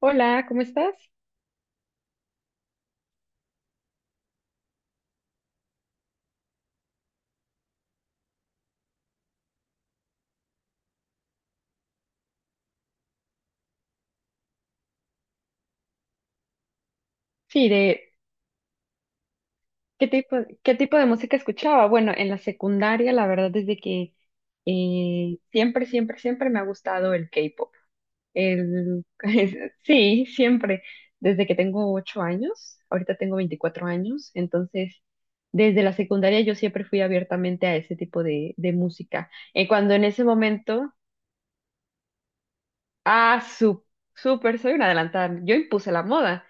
Hola, ¿cómo estás? Sí, de qué tipo, qué tipo de música escuchaba. Bueno, en la secundaria, la verdad es de que siempre, siempre, siempre me ha gustado el K-pop. El, sí, siempre. Desde que tengo 8 años, ahorita tengo 24 años, entonces desde la secundaria yo siempre fui abiertamente a ese tipo de música. Cuando en ese momento, ah, su- súper, soy una adelantada, yo impuse la moda.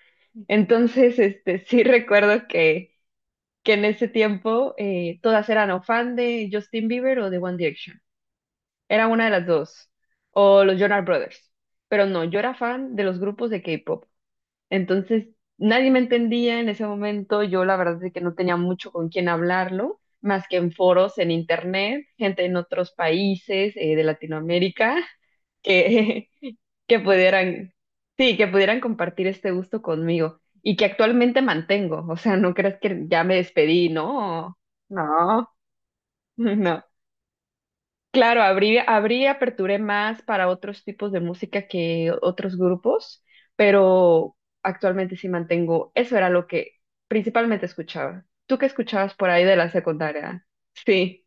Entonces, este, sí recuerdo que en ese tiempo todas eran o fan de Justin Bieber o de One Direction. Era una de las dos, o los Jonas Brothers. Pero no, yo era fan de los grupos de K-pop. Entonces, nadie me entendía en ese momento. Yo la verdad es que no tenía mucho con quién hablarlo, más que en foros, en internet, gente en otros países de Latinoamérica que que pudieran, sí, que pudieran compartir este gusto conmigo y que actualmente mantengo. O sea, no creas que ya me despedí, no, no, no. Claro, aperturé más para otros tipos de música que otros grupos, pero actualmente sí mantengo, eso era lo que principalmente escuchaba. ¿Tú qué escuchabas por ahí de la secundaria? Sí,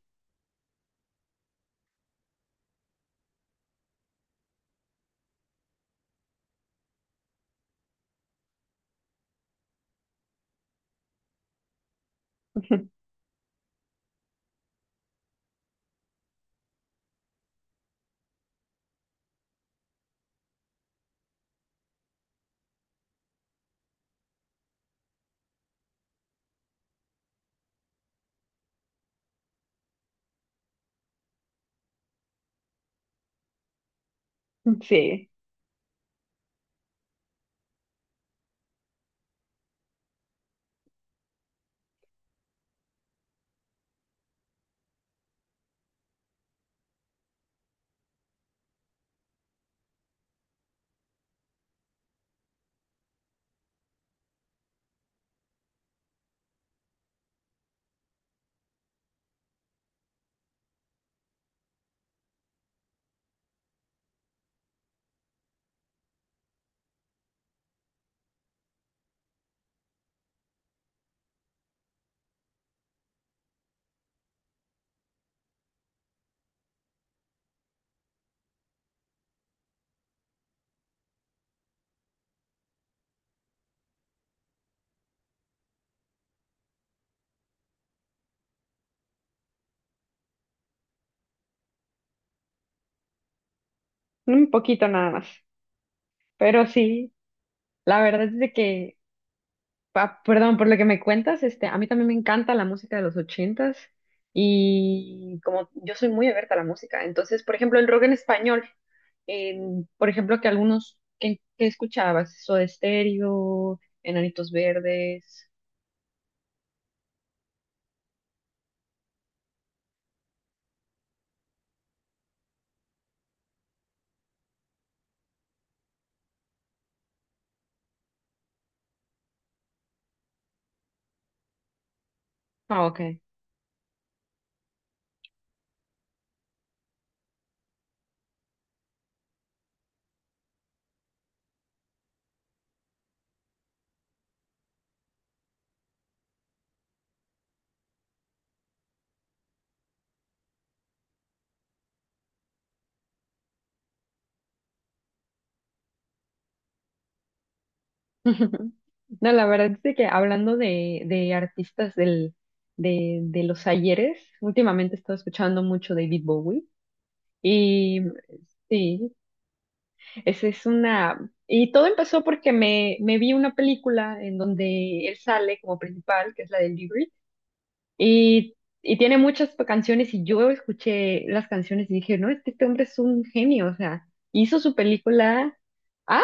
sí, un poquito nada más, pero sí, la verdad es de que. Perdón, por lo que me cuentas, este, a mí también me encanta la música de los ochentas, y como yo soy muy abierta a la música, entonces, por ejemplo, el rock en español, por ejemplo, que algunos que escuchabas, Soda Stereo, Enanitos Verdes. Ah, ok. Ujú. No, la verdad es de que hablando de artistas de los ayeres, últimamente he estado escuchando mucho David Bowie y sí. Esa es una. Y todo empezó porque me vi una película en donde él sale como principal, que es la del Libri, y, y tiene muchas canciones, y yo escuché las canciones y dije, no, es que este hombre es un genio, o sea, hizo su película. Ah,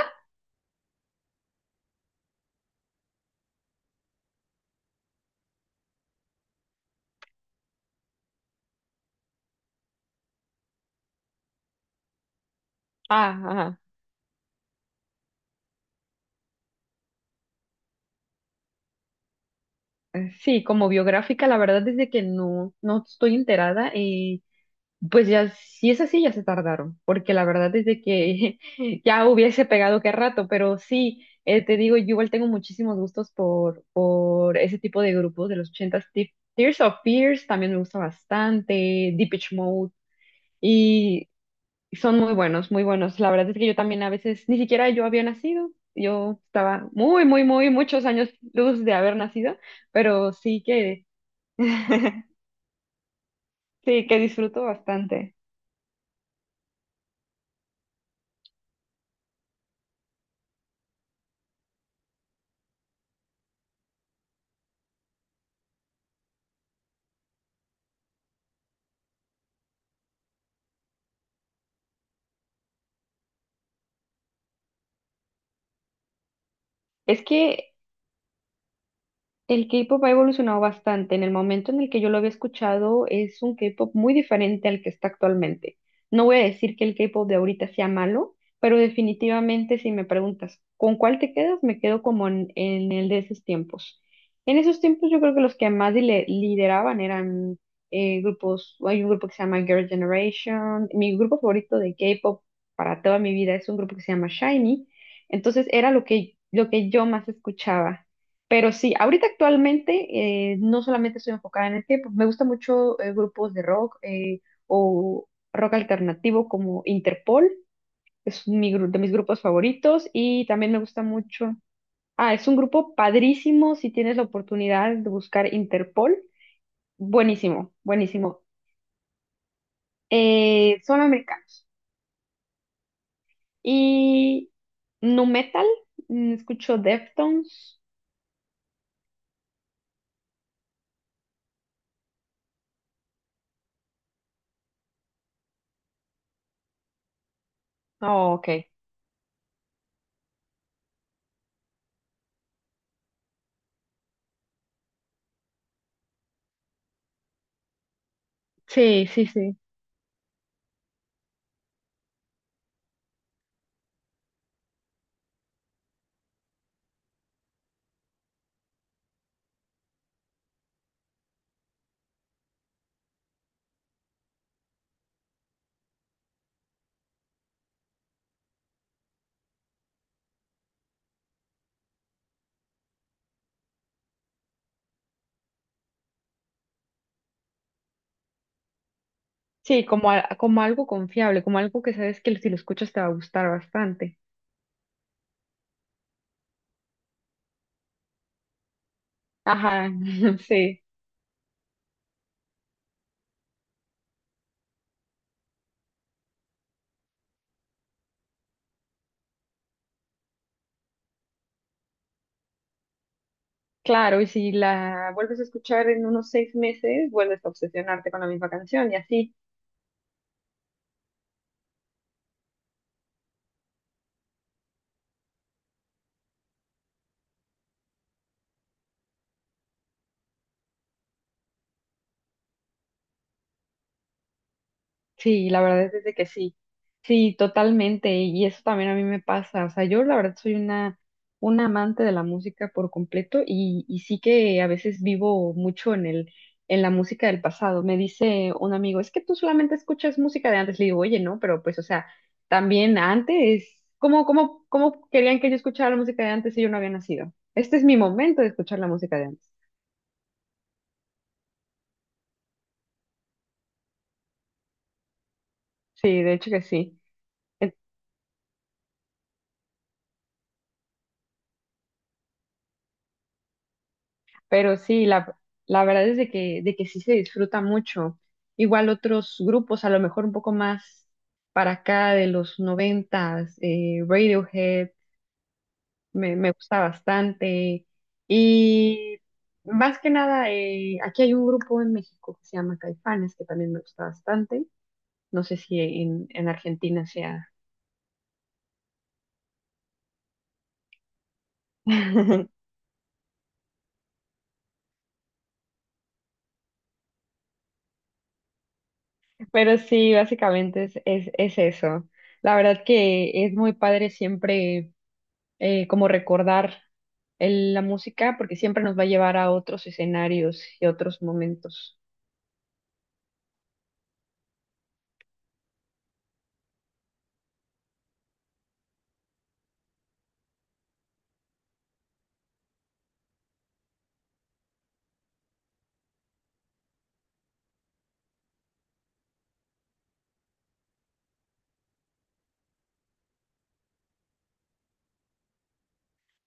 ah, ajá. Sí, como biográfica, la verdad es de que no, no estoy enterada. Pues ya, si es así, ya se tardaron, porque la verdad es de que ya hubiese pegado qué rato, pero sí, te digo, yo igual tengo muchísimos gustos por ese tipo de grupos de los ochentas. Tears of Fears también me gusta bastante, Depeche Mode, y son muy buenos, muy buenos. La verdad es que yo también a veces, ni siquiera yo había nacido, yo estaba muy, muy, muy, muchos años luz de haber nacido, pero sí que, sí que disfruto bastante. Es que el K-pop ha evolucionado bastante. En el momento en el que yo lo había escuchado, es un K-pop muy diferente al que está actualmente. No voy a decir que el K-pop de ahorita sea malo, pero definitivamente si me preguntas con cuál te quedas, me quedo como en el de esos tiempos. En esos tiempos yo creo que los que más lideraban eran grupos, hay un grupo que se llama Girl Generation. Mi grupo favorito de K-pop para toda mi vida es un grupo que se llama SHINee. Entonces era lo que yo más escuchaba. Pero sí, ahorita actualmente no solamente estoy enfocada en el K-pop, me gusta mucho grupos de rock o rock alternativo como Interpol, es mi de mis grupos favoritos y también me gusta mucho. Ah, es un grupo padrísimo si tienes la oportunidad de buscar Interpol. Buenísimo, buenísimo. Son americanos. Y nu metal, escucho Deftones. Oh, ok. Sí, sí, sí. Sí, como, como algo confiable, como algo que sabes que si lo escuchas te va a gustar bastante. Ajá, sí, claro, y si la vuelves a escuchar en unos 6 meses, vuelves a obsesionarte con la misma canción y así. Sí, la verdad es de que sí. Sí, totalmente. Y eso también a mí me pasa. O sea, yo la verdad soy una amante de la música por completo y sí que a veces vivo mucho en el, en la música del pasado. Me dice un amigo, es que tú solamente escuchas música de antes. Le digo, oye, no, pero pues, o sea, también antes, ¿cómo querían que yo escuchara la música de antes si yo no había nacido? Este es mi momento de escuchar la música de antes. Sí, de hecho que sí. Pero sí, la verdad es de que sí se disfruta mucho. Igual otros grupos, a lo mejor un poco más para acá de los noventas, Radiohead, me gusta bastante. Y más que nada, aquí hay un grupo en México que se llama Caifanes, que también me gusta bastante. No sé si en, en Argentina sea. Pero sí, básicamente es eso. La verdad que es muy padre siempre como recordar la música, porque siempre nos va a llevar a otros escenarios y otros momentos.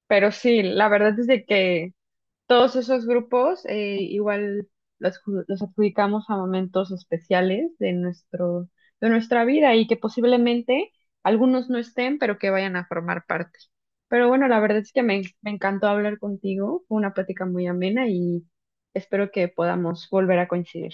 Pero sí, la verdad es de que todos esos grupos igual los adjudicamos a momentos especiales de nuestro, de nuestra vida y que posiblemente algunos no estén, pero que vayan a formar parte. Pero bueno, la verdad es que me encantó hablar contigo, fue una plática muy amena y espero que podamos volver a coincidir.